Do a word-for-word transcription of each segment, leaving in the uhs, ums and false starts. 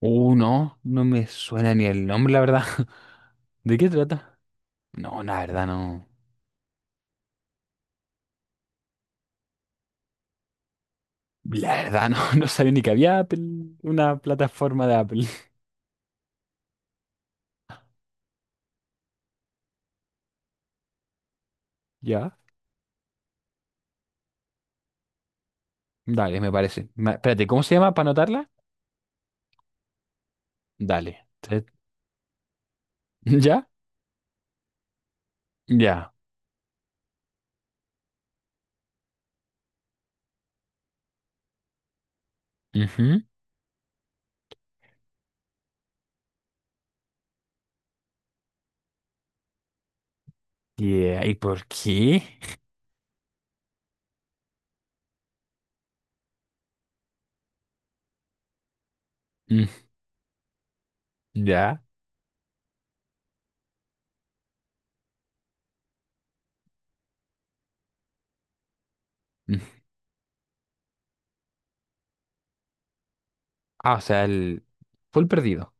Uh, no, no me suena ni el nombre, la verdad. ¿De qué trata? No, la verdad no. La verdad no, no sabía ni que había Apple, una plataforma de Apple. Ya, dale, me parece. Ma- espérate, ¿cómo se llama para anotarla? Dale. Te- ¿Ya? Ya. Ujú. Yeah, ¿y por qué? Mm, ya. Mm. Ah, o sea, el full perdido.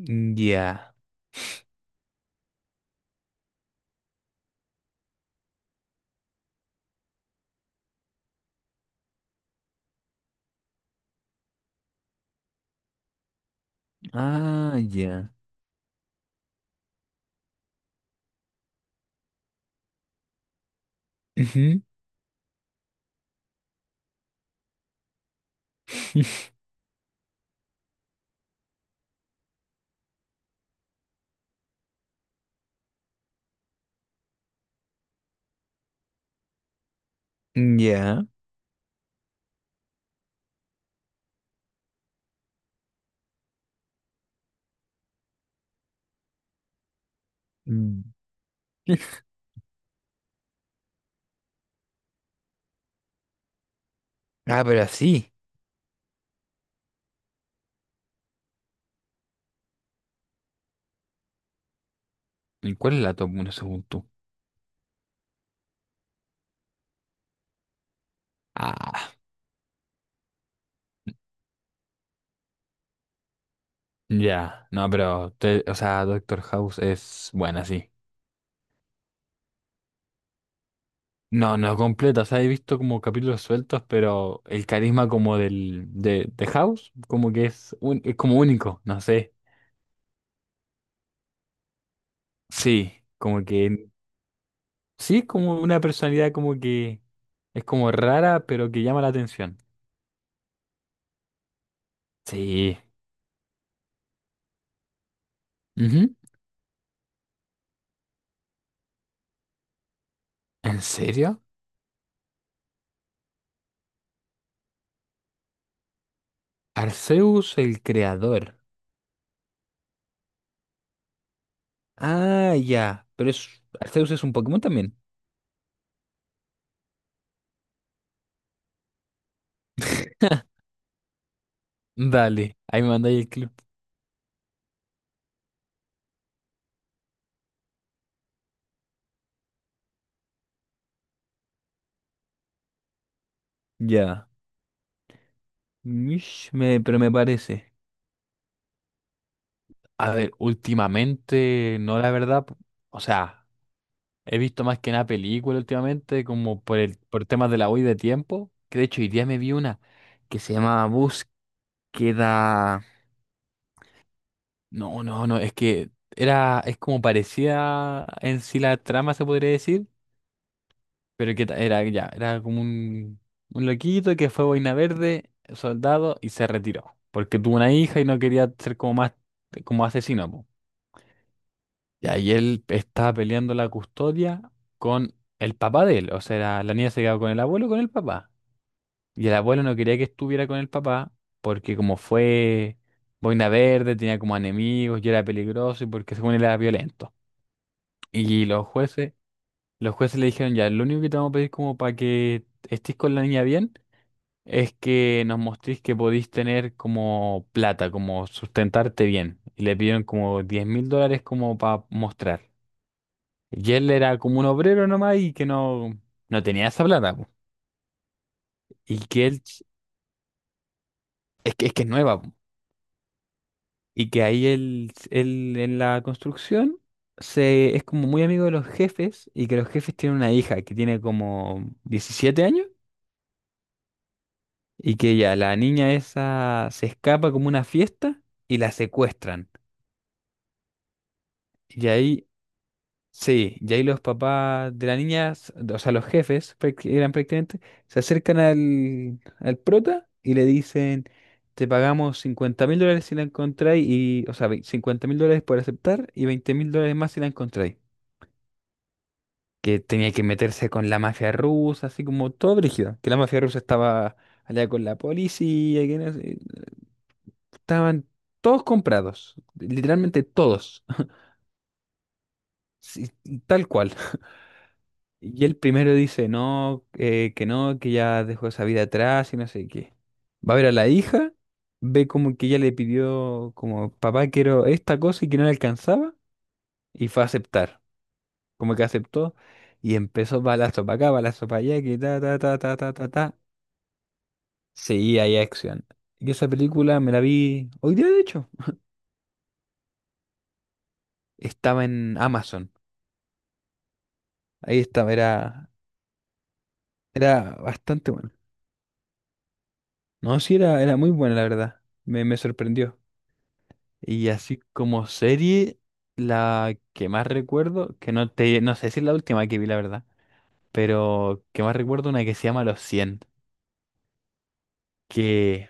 Mm, ya. Ah, ya. Ujú. Ya. Mm. Ah, pero así. ¿Y cuál es la top uno según tú? Ah, ya. No, pero, te- o sea, Doctor House es buena, sí. No, no completa. O sea, he visto como capítulos sueltos, pero el carisma como del, de, de House, como que es, un, es como único, no sé. Sí, como que, sí, es como una personalidad como que es como rara, pero que llama la atención. Sí. Ujú. ¿En serio? Arceus el creador. Ah, ya. Pero es, Arceus es un Pokémon también. Dale, ahí me mandáis el clip. Ya. Mish, me- pero me parece. A ver, últimamente, no la verdad, p- o sea, he visto más que una película últimamente, como por el, por temas de la hoy de tiempo, que de hecho hoy día me vi una que se llama Búsqueda. No, no, no, es que era, es como parecía en sí la trama, se podría decir, pero que ta- era ya, era como un, un loquito que fue boina verde, soldado, y se retiró, porque tuvo una hija y no quería ser como más, como asesino, y ahí él estaba peleando la custodia con el papá de él. O sea, la, la niña se quedaba con el abuelo o con el papá. Y el abuelo no quería que estuviera con el papá porque como fue boina verde, tenía como enemigos y era peligroso y porque según él era violento. Y los jueces, los jueces le dijeron, ya, lo único que te vamos a pedir como para que estés con la niña bien es que nos mostréis que podéis tener como plata, como sustentarte bien. Y le pidieron como diez mil dólares como para mostrar. Y él era como un obrero nomás y que no, no tenía esa plata. Po. Y que él, ch- es que es que es nueva. Po. Y que ahí él, él en la construcción se, es como muy amigo de los jefes y que los jefes tienen una hija que tiene como diecisiete años y que ya la niña esa se escapa como una fiesta y la secuestran. Y ahí Sí, y ahí los papás de la niña, s- o sea, los jefes, prácti- eran prácticamente, se acercan al, al prota y le dicen, te pagamos cincuenta mil dólares si la encontráis, y, o sea, ve- cincuenta mil dólares por aceptar y veinte mil dólares más si la encontráis. Que tenía que meterse con la mafia rusa, así como todo brígido, que la mafia rusa estaba allá con la policía, que no sé, estaban todos comprados, literalmente todos, sí, tal cual. Y el primero dice, no, eh, que no, que ya dejó esa vida atrás y no sé qué. Va a ver a la hija, ve como que ella le pidió, como, papá, quiero esta cosa y que no le alcanzaba, y fue a aceptar. Como que aceptó y empezó balazo para acá, balazo para allá, que ta, ta, ta, ta, ta, ta, ta. Seguía ahí acción. Y esa película me la vi hoy día, de hecho. Estaba en Amazon. Ahí estaba, era, era bastante buena. No, sí, era, era muy buena, la verdad. Me, me sorprendió. Y así como serie, la que más recuerdo, que no te, no sé si es la última que vi, la verdad, pero que más recuerdo una que se llama Los cien que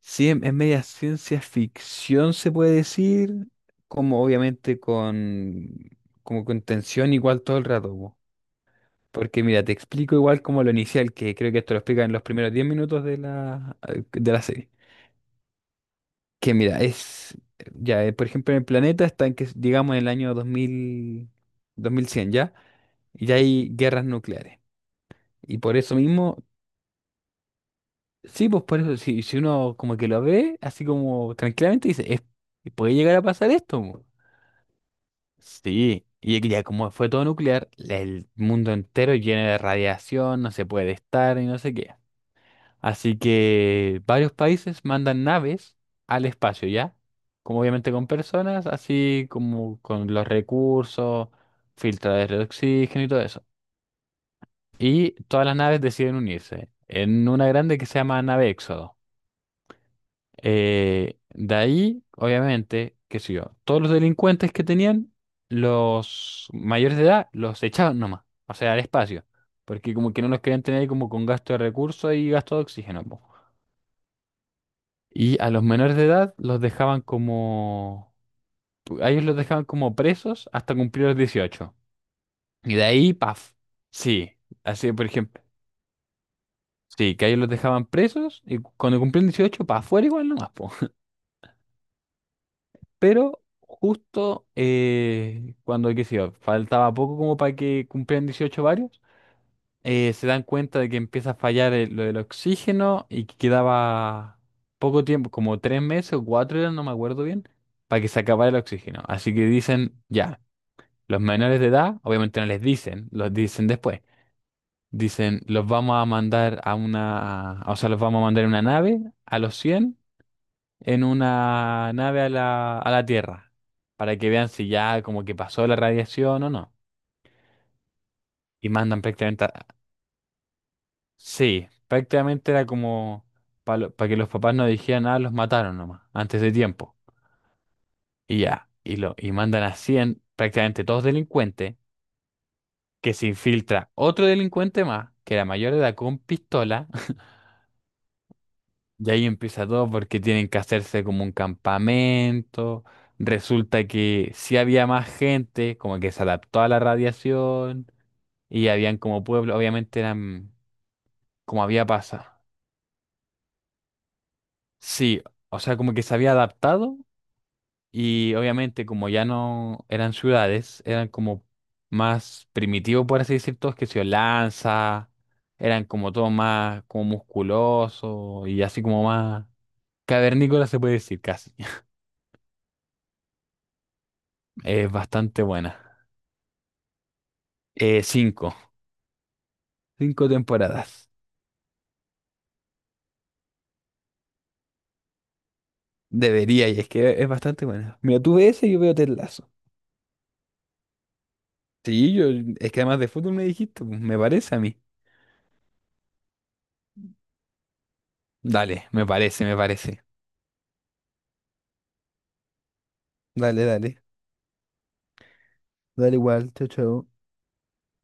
sí es es media ciencia ficción, se puede decir, como obviamente con, como con tensión igual todo el rato. Po. Porque mira, te explico igual como lo inicial, que creo que esto lo explica en los primeros diez minutos de la, eh, de la serie. Que mira, es, ya, eh, por ejemplo, en el planeta está en que, digamos, en el año dos mil dos mil cien, ¿ya? Y ya hay guerras nucleares. Y por eso mismo, sí, pues por eso, si, si uno como que lo ve, así como tranquilamente, dice, "Es- puede llegar a pasar esto. Mo". Sí, y que ya como fue todo nuclear, la- el mundo entero lleno de radiación, no se puede estar y no sé qué. Así que varios países mandan naves al espacio, ¿ya? Como obviamente con personas, así como con los recursos, filtradores de oxígeno y todo eso. Y todas las naves deciden unirse en una grande que se llama nave Éxodo. Eh, de ahí, obviamente, qué sé yo, todos los delincuentes que tenían, los mayores de edad, los echaban nomás, o sea, al espacio, porque como que no los querían tener ahí como con gasto de recursos y gasto de oxígeno. Po. Y a los menores de edad los dejaban como... A ellos los dejaban como presos hasta cumplir los dieciocho. Y de ahí, paf. Sí, así por ejemplo. Sí, que a ellos los dejaban presos y cu- cuando cumplían dieciocho para afuera igual nomás, po. Pero justo eh, cuando, qué sé yo, faltaba poco como para que cumplieran dieciocho varios, eh, se dan cuenta de que empieza a fallar el- lo del oxígeno y que quedaba poco tiempo, como tres meses o cuatro eran, no me acuerdo bien, para que se acabara el oxígeno. Así que dicen, ya, los menores de edad, obviamente no les dicen, los dicen después. Dicen, los vamos a mandar a una, o sea, los vamos a mandar en una nave a los cien en una nave a la, a la Tierra, para que vean si ya como que pasó la radiación o no. Y mandan prácticamente a, Sí, prácticamente era como para que los papás no dijeran nada, los mataron nomás, antes de tiempo. Y ya, y, lo, y mandan a cien prácticamente todos delincuentes, que se infiltra otro delincuente más, que era mayor de edad con pistola, y ahí empieza todo porque tienen que hacerse como un campamento. Resulta que sí había más gente, como que se adaptó a la radiación, y habían como pueblo, obviamente eran como había pasado. Sí, o sea, como que se había adaptado. Y obviamente, como ya no eran ciudades, eran como más primitivos, por así decir, todos que se lanza, eran como todo más como musculoso y así como más cavernícola se puede decir casi. Es bastante buena. Eh, cinco, cinco temporadas. Debería, y es que es bastante buena. Mira, tú ves ese y yo veo Ted Lasso. Sí, yo, es que además de fútbol me dijiste, pues, me parece a mí. Dale, me parece, me parece. Dale, dale. Dale igual, chao, chao.